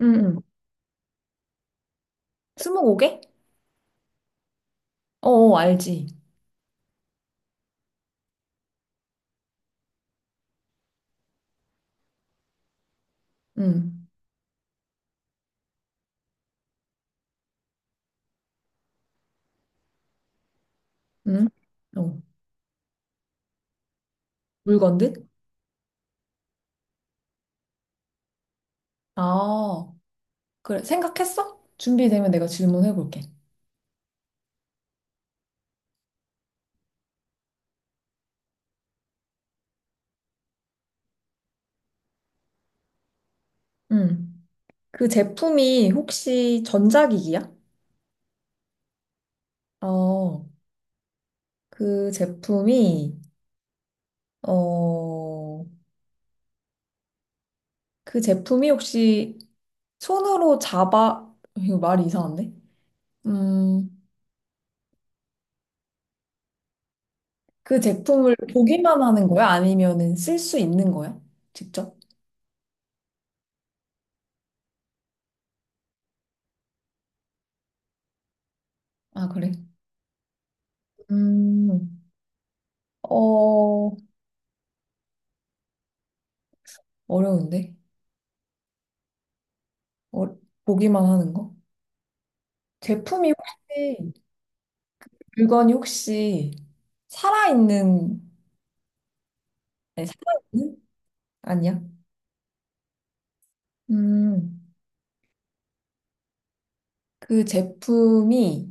응, 응. 스무고개? 어, 알지. 응, 응. 어, 물건들? 아, 그래. 생각했어? 준비되면 내가 질문해볼게. 응. 그 제품이 혹시 전자기기야? 어, 그 제품이, 어, 그 제품이 혹시 손으로 잡아, 이거 말이 이상한데? 음, 그 제품을 보기만 하는 거야? 아니면은 쓸 수 있는 거야? 직접? 아, 그래. 음, 어, 어려운데? 어, 보기만 하는 거? 제품이 혹시, 물건이 혹시 살아있는, 아니, 살아있는? 아니야? 음, 그 제품이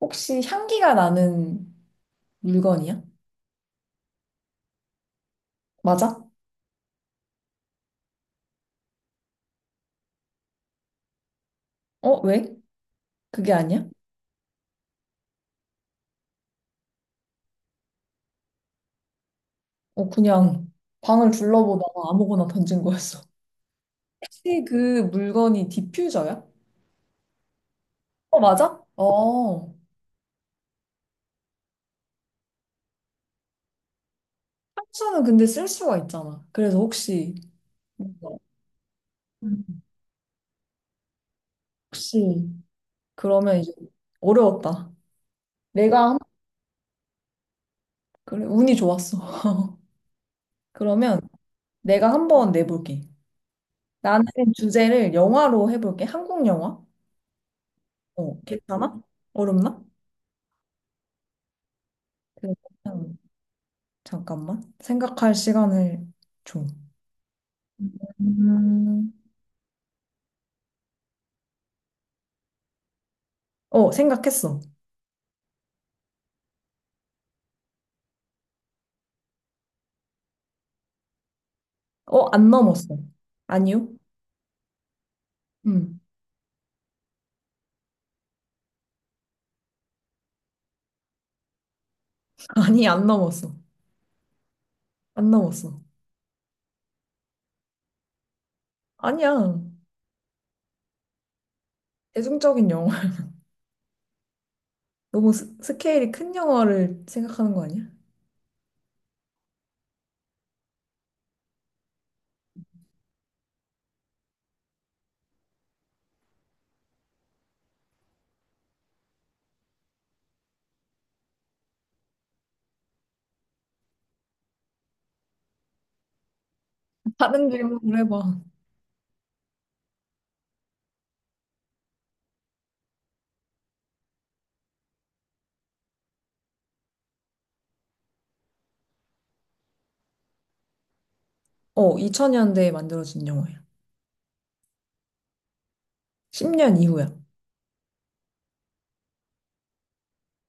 혹시 향기가 나는 물건이야? 맞아? 어, 왜? 그게 아니야? 어, 그냥 방을 둘러보다가 아무거나 던진 거였어. 혹시 그 물건이 디퓨저야? 어, 맞아? 어, 향수는 근데 쓸 수가 있잖아. 그래서 혹시, 뭔가, 음. 혹시 그러면 이제 어려웠다. 내가 한, 그래, 운이 좋았어. 그러면 내가 한번 내볼게. 나는 주제를 영화로 해볼게. 한국 영화. 어, 괜찮아? 어렵나? 그러면 잠깐만. 생각할 시간을 줘. 음, 어, 생각했어. 어, 안 넘었어. 아니요? 음. 아니, 안 넘었어. 안 넘었어. 아니야. 대중적인 영화. 너무 스케일이 큰 영화를 생각하는 거 아니야? 다른 질문을 해봐. 어, 2000년대에 만들어진 영화야. 10년 이후야.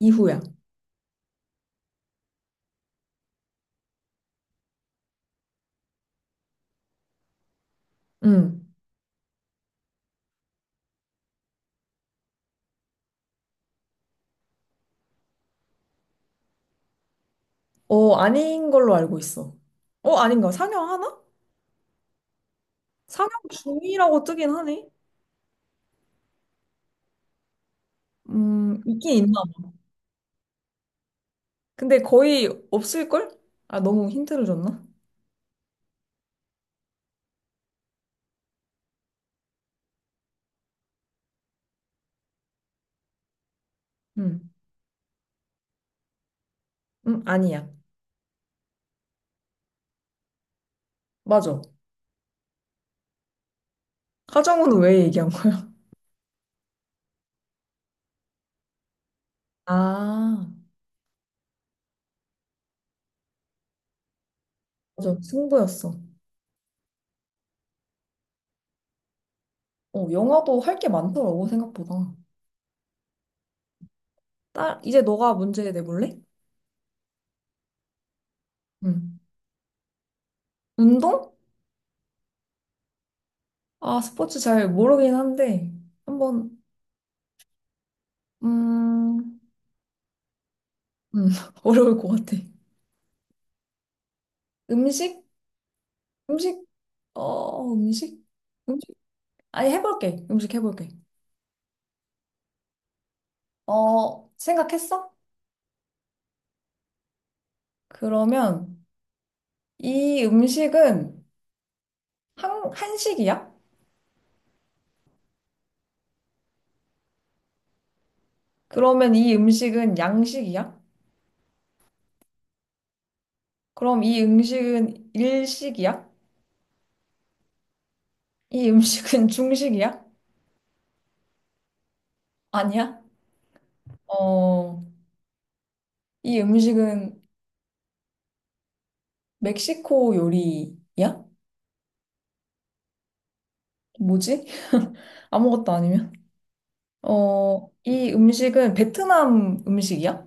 이후야. 응. 어, 아닌 걸로 알고 있어. 어, 아닌가? 상영하나? 상영 중이라고 뜨긴 하네. 있긴 있나? 근데 거의 없을걸? 아, 너무 힌트를 줬나? 응. 응, 아니야. 맞아. 하정우는 왜 얘기한 거야? 아, 맞아. 승부였어. 어, 영화도 할게 많더라고, 생각보다. 딸, 이제 너가 문제 내볼래? 응. 운동? 아, 스포츠 잘 모르긴 한데, 한번 음, 음, 어려울 것 같아. 음식? 음식? 어, 음식? 음식? 아니, 해볼게. 음식 해볼게. 어, 생각했어? 그러면 이 음식은 한식이야? 그러면 이 음식은 양식이야? 그럼 이 음식은 일식이야? 이 음식은 중식이야? 아니야? 어, 이 음식은 멕시코 요리야? 뭐지? 아무것도 아니면? 어, 이 음식은 베트남 음식이야?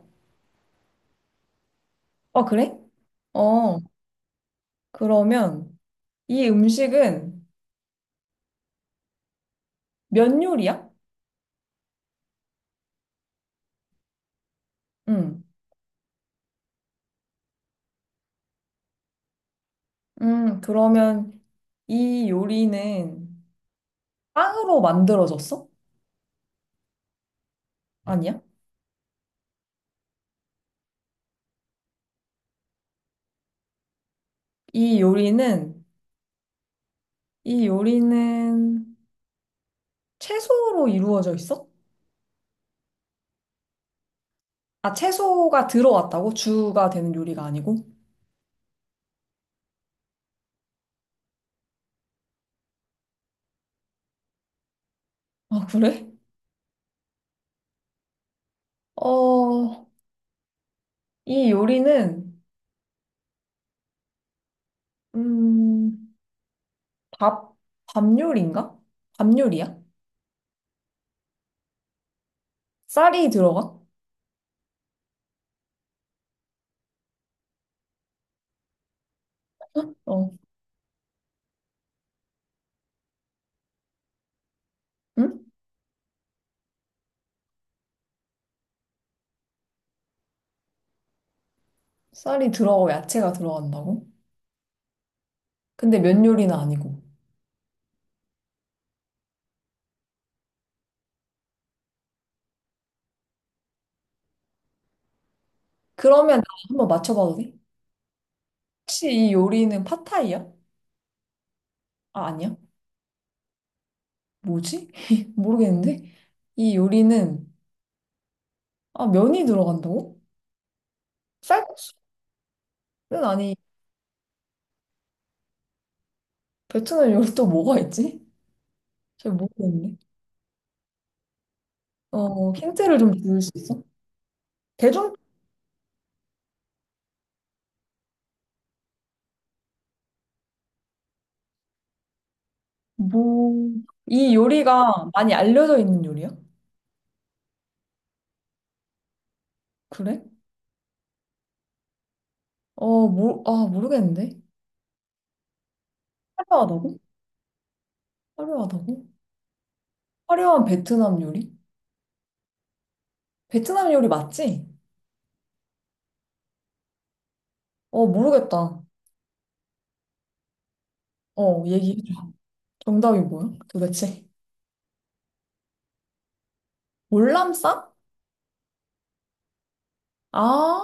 아, 그래? 어, 그러면 이 음식은 면 요리야? 응. 그러면 이 요리는 빵으로 만들어졌어? 아니야? 이 요리는, 이 요리는 채소로 이루어져 있어? 아, 채소가 들어왔다고? 주가 되는 요리가 아니고? 아, 그래? 어, 이 요리는, 음, 밥, 밥 요리인가? 밥 요리야? 쌀이 들어가? 어, 응? 쌀이 들어가고 야채가 들어간다고? 근데 면 요리는 아니고. 그러면 나 한번 맞춰봐도 돼? 혹시 이 요리는 팟타이야? 아, 아니야? 뭐지? 모르겠는데? 이 요리는, 아, 면이 들어간다고? 쌀국수는 아니, 베트남 요리 또 뭐가 있지? 잘 모르겠네. 어, 힌트를 좀 줄 수 있어? 대중, 뭐, 이 요리가 많이 알려져 있는 요리야? 그래? 아, 모르겠는데? 화려하다고? 화려하다고? 화려한 베트남 요리? 베트남 요리 맞지? 어, 모르겠다. 어, 얘기해줘. 정답이 뭐야? 도대체? 월남쌈? 아,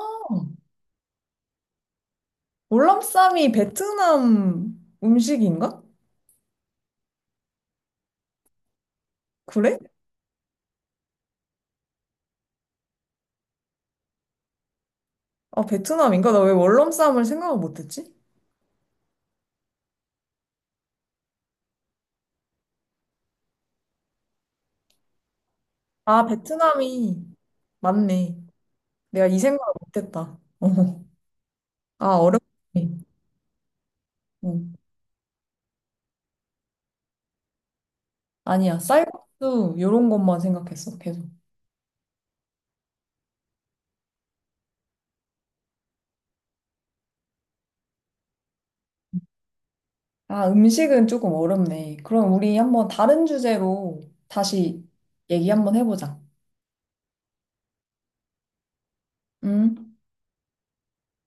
월남쌈이 베트남 음식인가? 그래? 아, 베트남인가? 나 왜 월남쌈을 생각을 못했지? 아, 베트남이 맞네. 내가 이 생각을 못했다. 어. 아, 어렵네. 어. 아니야, 쌀국수 요런 것만 생각했어, 계속. 아, 음식은 조금 어렵네. 그럼 우리 한번 다른 주제로 다시 얘기 한번 해보자. 음.